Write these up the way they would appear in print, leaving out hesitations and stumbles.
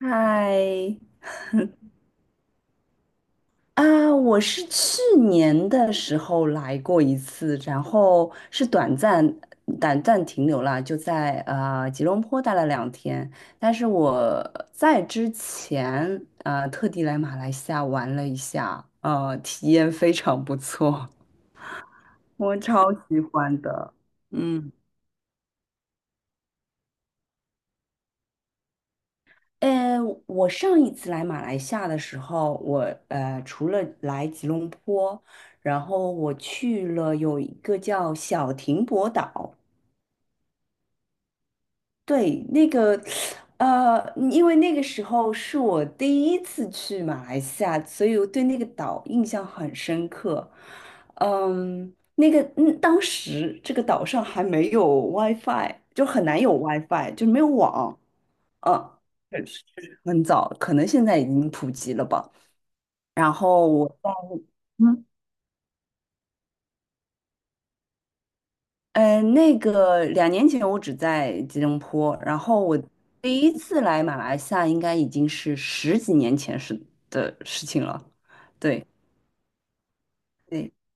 嗨，啊，我是去年的时候来过一次，然后是短暂停留了，就在吉隆坡待了2天。但是我在之前特地来马来西亚玩了一下，体验非常不错，我超喜欢的。嗯。呃，我上一次来马来西亚的时候，我除了来吉隆坡，然后我去了有一个叫小停泊岛，对，那个因为那个时候是我第一次去马来西亚，所以我对那个岛印象很深刻。那个当时这个岛上还没有 WiFi,就很难有 WiFi,就没有网。嗯，确是很早，可能现在已经普及了吧。然后我在，嗯，呃，那个2年前我只在吉隆坡，然后我第一次来马来西亚应该已经是十几年前是的事情了。对。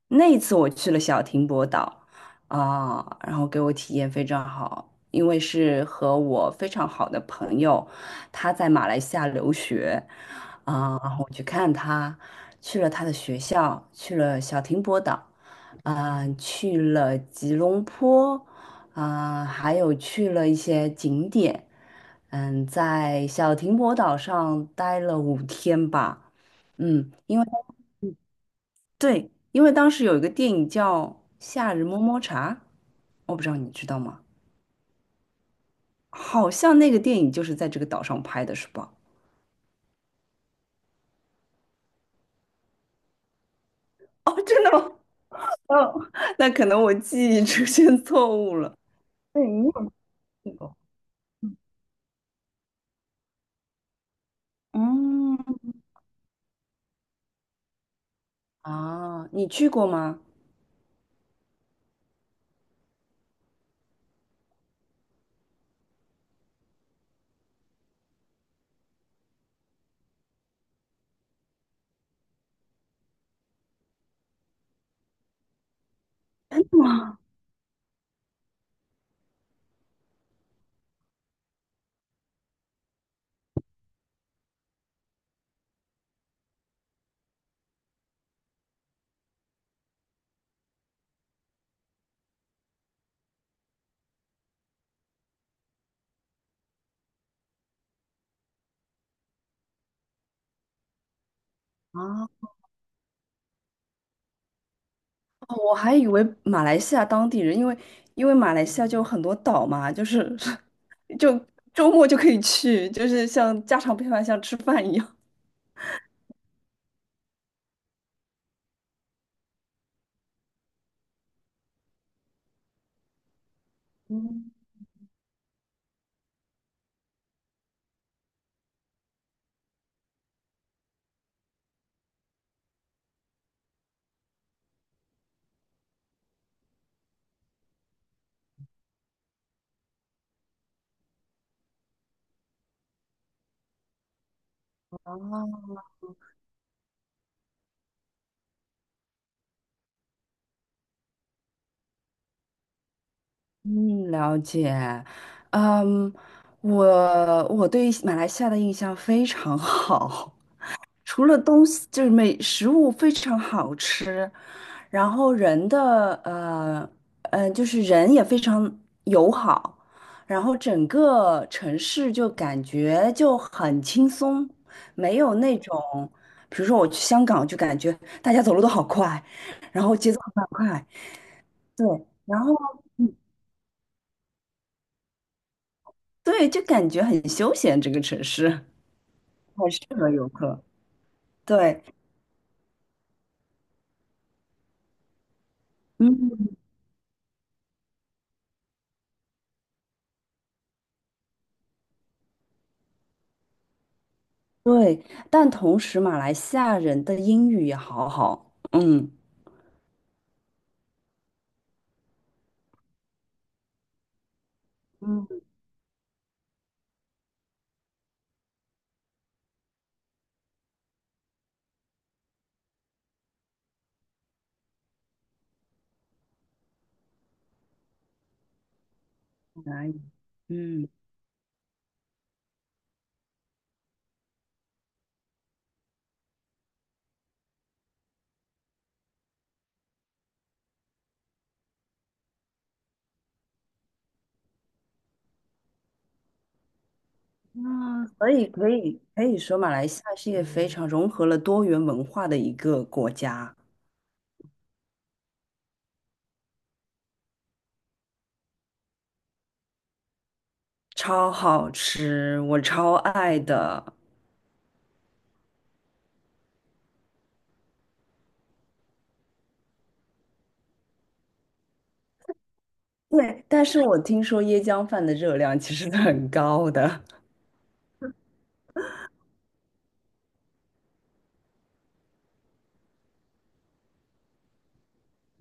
那一次我去了小停泊岛啊，然后给我体验非常好，因为是和我非常好的朋友，他在马来西亚留学啊，然后我去看他，去了他的学校，去了小停泊岛，啊，去了吉隆坡，啊，还有去了一些景点，在小停泊岛上待了5天吧。嗯，对，因为当时有一个电影叫《夏日摸摸茶》，我不知道你知道吗？好像那个电影就是在这个岛上拍的，是吧？哦，真的吗？哦，那可能我记忆出现错误了。对，你有去过？嗯，啊，你去过吗？啊，我还以为马来西亚当地人，因为马来西亚就有很多岛嘛，就是 就周末就可以去，就是像家常便饭，像吃饭一样。嗯，啊。嗯，了解。嗯，我我对马来西亚的印象非常好，除了东西就是美食物非常好吃，然后人的就是人也非常友好，然后整个城市就感觉就很轻松，没有那种，比如说我去香港就感觉大家走路都好快，然后节奏很快，对，然后。嗯对，就感觉很休闲这个城市。对，嗯，对，但同时马来西亚人的英语也好好，嗯，嗯，可以，嗯，啊，所以可以说马来西亚是一个非常融合了多元文化的一个国家，超好吃，我超爱的。对，但是我听说椰浆饭的热量其实是很高的。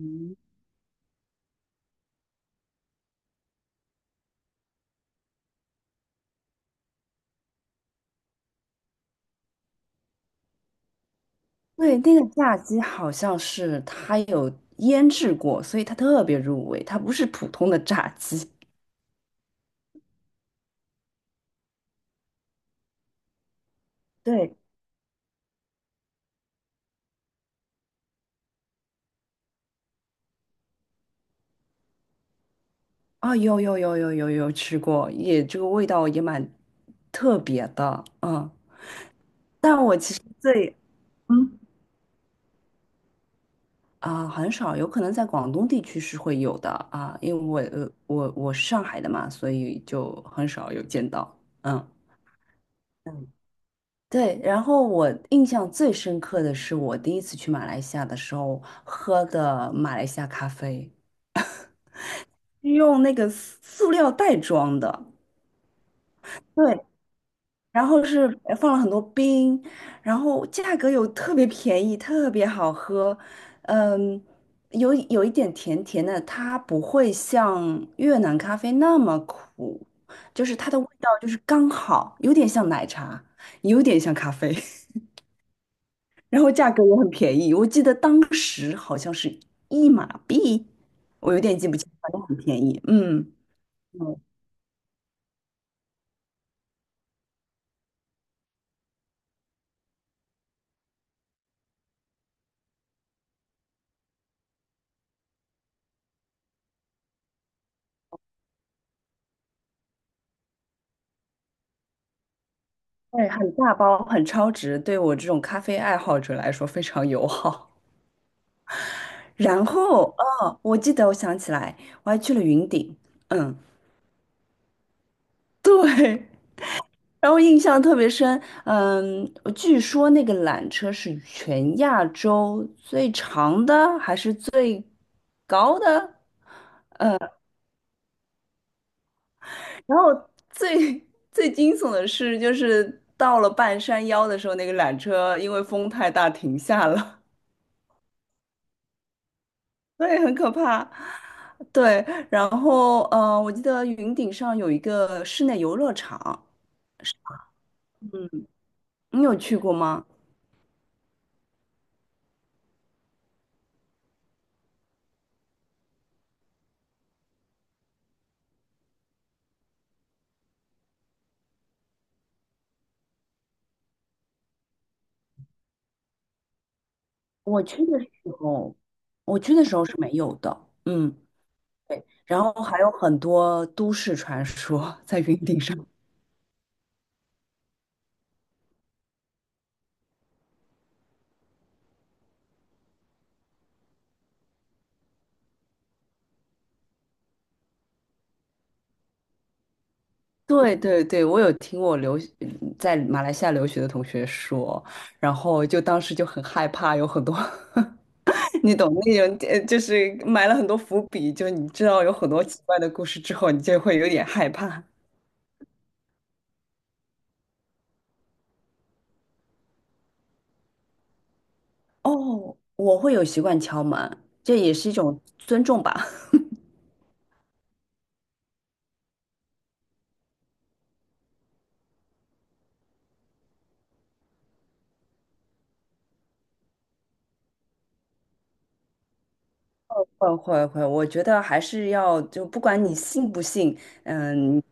嗯。对，那个炸鸡好像是它有腌制过，所以它特别入味，它不是普通的炸鸡。对，啊、有有有有有有吃过，也这个味道也蛮特别的，嗯，对，嗯，啊、很少，有可能在广东地区是会有的啊，因为我是上海的嘛，所以就很少有见到，嗯。对，然后我印象最深刻的是我第一次去马来西亚的时候喝的马来西亚咖啡。用那个塑料袋装的，对，然后是放了很多冰，然后价格又特别便宜，特别好喝，嗯，有一点甜甜的，它不会像越南咖啡那么苦，就是它的味道就是刚好，有点像奶茶，有点像咖啡，然后价格也很便宜，我记得当时好像是1马币，我有点记不清，反正很便宜，嗯。对，很大包，很超值，对我这种咖啡爱好者来说非常友好。然后，哦，我记得，我想起来，我还去了云顶，嗯，对，然后印象特别深，我据说那个缆车是全亚洲最长的，还是最高的？然后最 最惊悚的是，就是到了半山腰的时候，那个缆车因为风太大停下了。对，很可怕。对，然后我记得云顶上有一个室内游乐场，你有去过吗？我去的时候，我去的时候是没有的，然后还有很多都市传说 在云顶上。对对对，我有听我留学在马来西亚留学的同学说，然后就当时就很害怕，有很多 你懂那种，就是埋了很多伏笔，就你知道有很多奇怪的故事之后，你就会有点害怕。哦，我会有习惯敲门，这也是一种尊重吧。会会会，我觉得还是要就不管你信不信，嗯，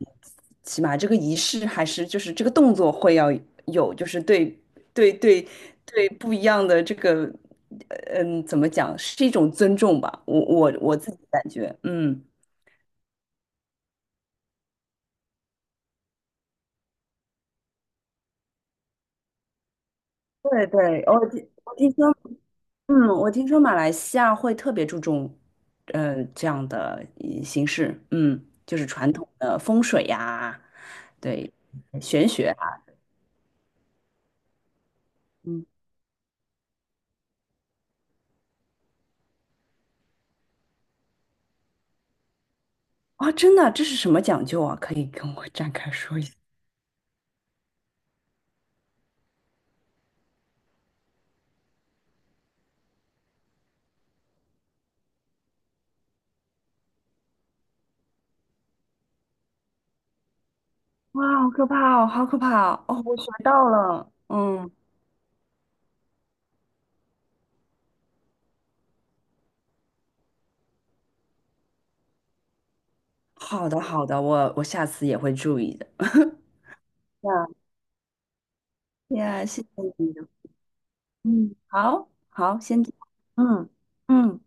起码这个仪式还是就是这个动作会要有，就是对对对对不一样的这个，怎么讲，是一种尊重吧。我自己感觉，嗯，对对，我听说马来西亚会特别注重，这样的形式，嗯，就是传统的风水呀，对，玄学啊嗯，哇，真的，这是什么讲究啊？可以跟我 展开说一下？哇，好可怕哦，好可怕哦！哦我学到了，嗯，好的，好的，我下次也会注意的。呀呀，谢谢你，嗯，好好，先这样嗯嗯。